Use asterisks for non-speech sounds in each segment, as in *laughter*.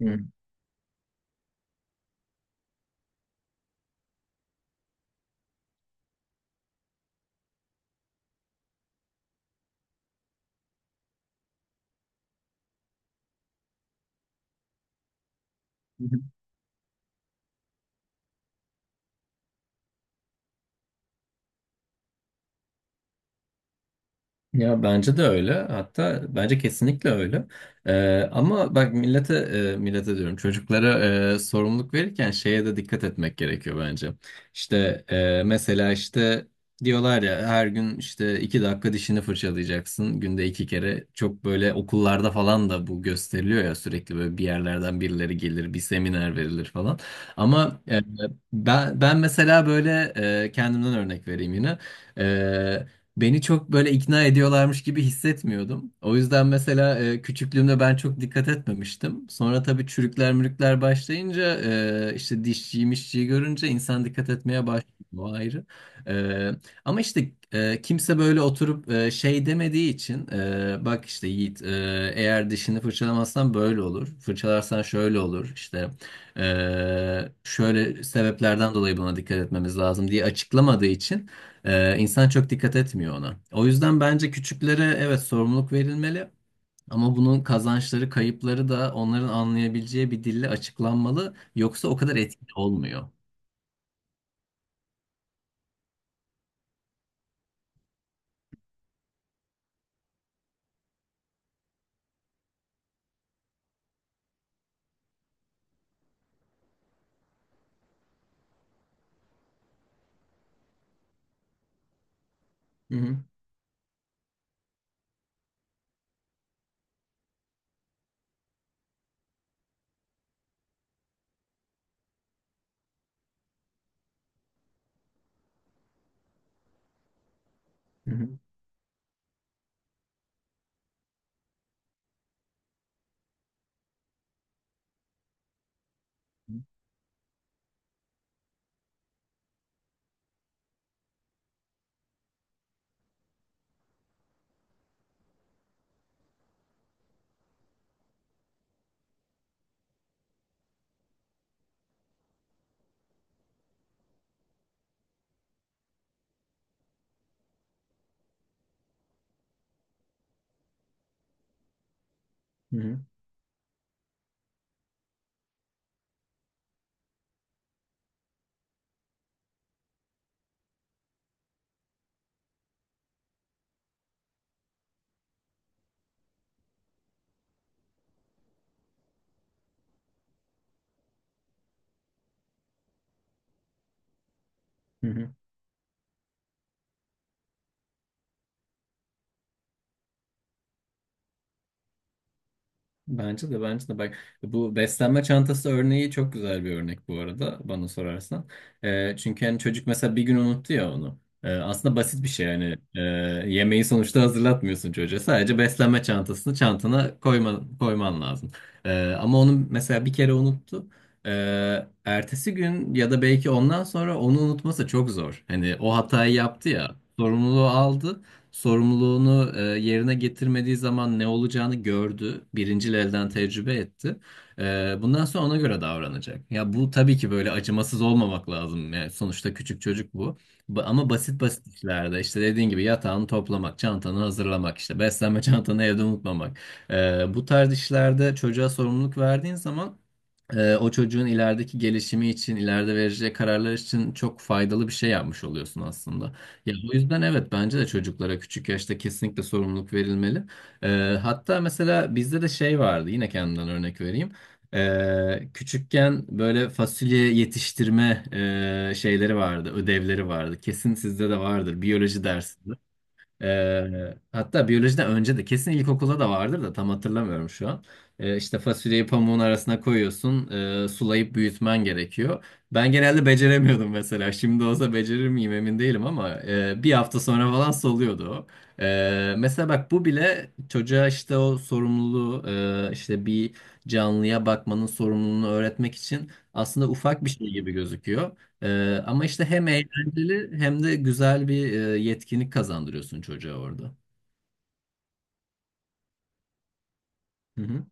Hı. Hı hı. Ya bence de öyle. Hatta bence kesinlikle öyle. Ama bak millete millete diyorum çocuklara sorumluluk verirken şeye de dikkat etmek gerekiyor bence. İşte mesela işte diyorlar ya her gün işte 2 dakika dişini fırçalayacaksın günde 2 kere. Çok böyle okullarda falan da bu gösteriliyor ya sürekli böyle bir yerlerden birileri gelir bir seminer verilir falan. Ama ben mesela böyle kendimden örnek vereyim yine. Ee, Beni çok böyle ikna ediyorlarmış gibi hissetmiyordum. O yüzden mesela küçüklüğümde ben çok dikkat etmemiştim. Sonra tabii çürükler mürükler başlayınca işte dişçiyi mişçiyi görünce insan dikkat etmeye başlıyor. O ayrı. E, Ama işte kimse böyle oturup şey demediği için bak işte Yiğit, eğer dişini fırçalamazsan böyle olur. Fırçalarsan şöyle olur. İşte şöyle sebeplerden dolayı buna dikkat etmemiz lazım diye açıklamadığı için insan çok dikkat etmiyor ona. O yüzden bence küçüklere evet sorumluluk verilmeli ama bunun kazançları, kayıpları da onların anlayabileceği bir dille açıklanmalı. Yoksa o kadar etkili olmuyor. Hı hı, hı hı, hı hı, hı hı. Bence de bak, bu beslenme çantası örneği çok güzel bir örnek bu arada bana sorarsan. Çünkü hani çocuk mesela bir gün unuttu ya onu. Aslında basit bir şey yani. Yemeği sonuçta hazırlatmıyorsun çocuğa, sadece beslenme çantasını çantana koyman lazım. Ama onu mesela bir kere unuttu. Ertesi gün ya da belki ondan sonra onu unutması çok zor. Hani o hatayı yaptı ya, sorumluluğu aldı, sorumluluğunu yerine getirmediği zaman ne olacağını gördü. Birincil elden tecrübe etti. Bundan sonra ona göre davranacak. Ya bu tabii ki böyle acımasız olmamak lazım. Yani sonuçta küçük çocuk bu. Ama basit basit işlerde işte dediğin gibi yatağını toplamak, çantanı hazırlamak, işte beslenme *laughs* çantanı evde unutmamak. Bu tarz işlerde çocuğa sorumluluk verdiğin zaman o çocuğun ilerideki gelişimi için, ileride vereceği kararlar için çok faydalı bir şey yapmış oluyorsun aslında. Ya o yüzden evet, bence de çocuklara küçük yaşta kesinlikle sorumluluk verilmeli. E, Hatta mesela bizde de şey vardı, yine kendimden örnek vereyim. Küçükken böyle fasulye yetiştirme şeyleri vardı, ödevleri vardı. Kesin sizde de vardır, biyoloji dersi. Hatta biyolojiden önce de kesin ilkokulda da vardır da tam hatırlamıyorum şu an. İşte fasulyeyi pamuğun arasına koyuyorsun, sulayıp büyütmen gerekiyor. Ben genelde beceremiyordum mesela. Şimdi olsa becerir miyim emin değilim ama 1 hafta sonra falan soluyordu o. Mesela bak, bu bile çocuğa işte o sorumluluğu, işte bir canlıya bakmanın sorumluluğunu öğretmek için aslında ufak bir şey gibi gözüküyor. Ama işte hem eğlenceli hem de güzel bir yetkinlik kazandırıyorsun çocuğa orada. Hı hı.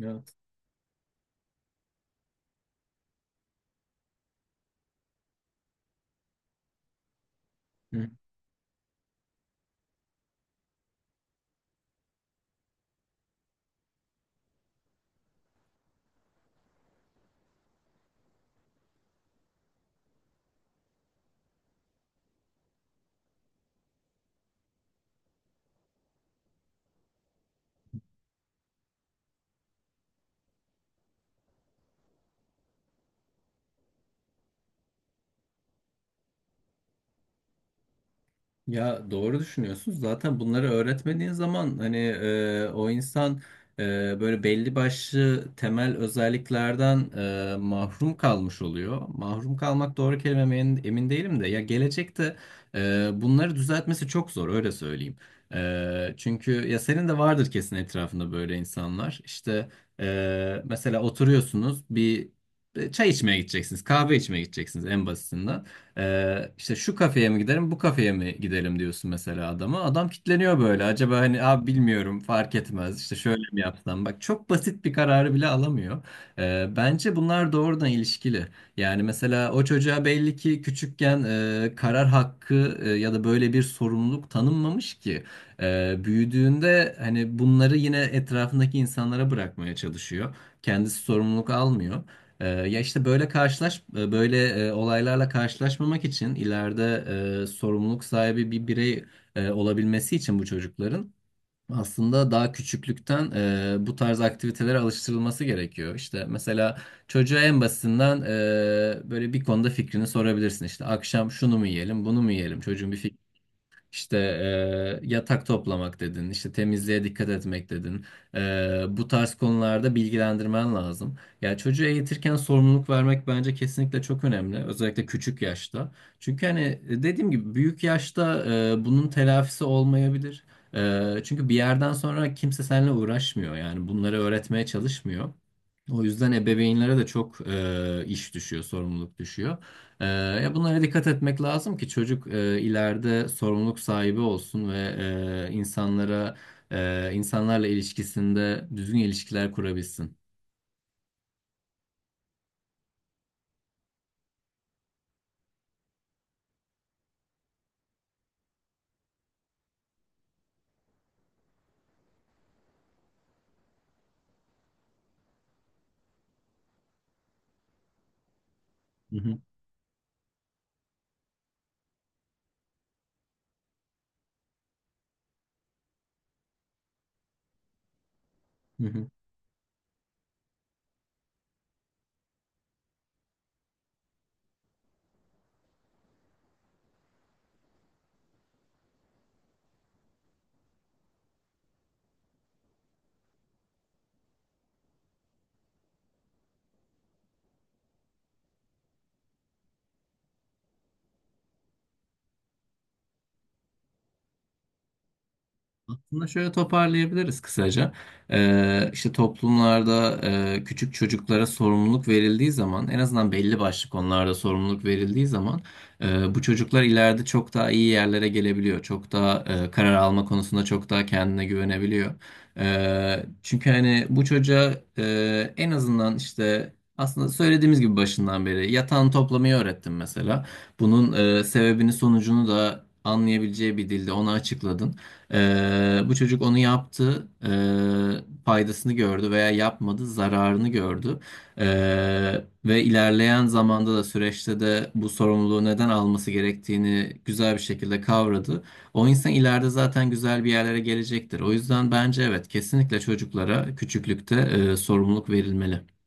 Evet. Hı. Ya doğru düşünüyorsunuz. Zaten bunları öğretmediğin zaman hani o insan böyle belli başlı temel özelliklerden mahrum kalmış oluyor. Mahrum kalmak doğru kelime mi emin değilim de, ya gelecekte bunları düzeltmesi çok zor, öyle söyleyeyim. Çünkü ya senin de vardır kesin etrafında böyle insanlar. İşte mesela oturuyorsunuz, bir çay içmeye gideceksiniz, kahve içmeye gideceksiniz en basitinden. İşte şu kafeye mi gidelim, bu kafeye mi gidelim diyorsun mesela adama. Adam kitleniyor böyle. Acaba, hani abi bilmiyorum, fark etmez. İşte şöyle mi yapsam? Bak, çok basit bir kararı bile alamıyor. Bence bunlar doğrudan ilişkili. Yani mesela o çocuğa belli ki küçükken karar hakkı ya da böyle bir sorumluluk tanınmamış ki. Büyüdüğünde hani bunları yine etrafındaki insanlara bırakmaya çalışıyor. Kendisi sorumluluk almıyor. Ya işte böyle böyle olaylarla karşılaşmamak için ileride sorumluluk sahibi bir birey olabilmesi için bu çocukların aslında daha küçüklükten bu tarz aktivitelere alıştırılması gerekiyor. İşte mesela çocuğa en basitinden böyle bir konuda fikrini sorabilirsin. İşte akşam şunu mu yiyelim, bunu mu yiyelim? Çocuğun bir işte yatak toplamak dedin, işte temizliğe dikkat etmek dedin. Bu tarz konularda bilgilendirmen lazım. Yani çocuğu eğitirken sorumluluk vermek bence kesinlikle çok önemli. Özellikle küçük yaşta. Çünkü hani dediğim gibi büyük yaşta bunun telafisi olmayabilir. Çünkü bir yerden sonra kimse seninle uğraşmıyor. Yani bunları öğretmeye çalışmıyor. O yüzden ebeveynlere de çok iş düşüyor, sorumluluk düşüyor. Ee, Ya bunlara dikkat etmek lazım ki çocuk ileride sorumluluk sahibi olsun ve e, insanlara insanlarla ilişkisinde düzgün ilişkiler kurabilsin. Hı hı. Hı hı. Aslında şöyle toparlayabiliriz kısaca. İşte toplumlarda küçük çocuklara sorumluluk verildiği zaman, en azından belli başlı konularda sorumluluk verildiği zaman, bu çocuklar ileride çok daha iyi yerlere gelebiliyor. Çok daha karar alma konusunda çok daha kendine güvenebiliyor. Çünkü hani bu çocuğa en azından işte, aslında söylediğimiz gibi başından beri yatağını toplamayı öğrettim mesela. Bunun sebebini sonucunu da anlayabileceği bir dilde ona açıkladın. Bu çocuk onu yaptı, faydasını gördü veya yapmadı, zararını gördü. Ve ilerleyen zamanda da, süreçte de bu sorumluluğu neden alması gerektiğini güzel bir şekilde kavradı. O insan ileride zaten güzel bir yerlere gelecektir. O yüzden bence evet, kesinlikle çocuklara küçüklükte sorumluluk verilmeli.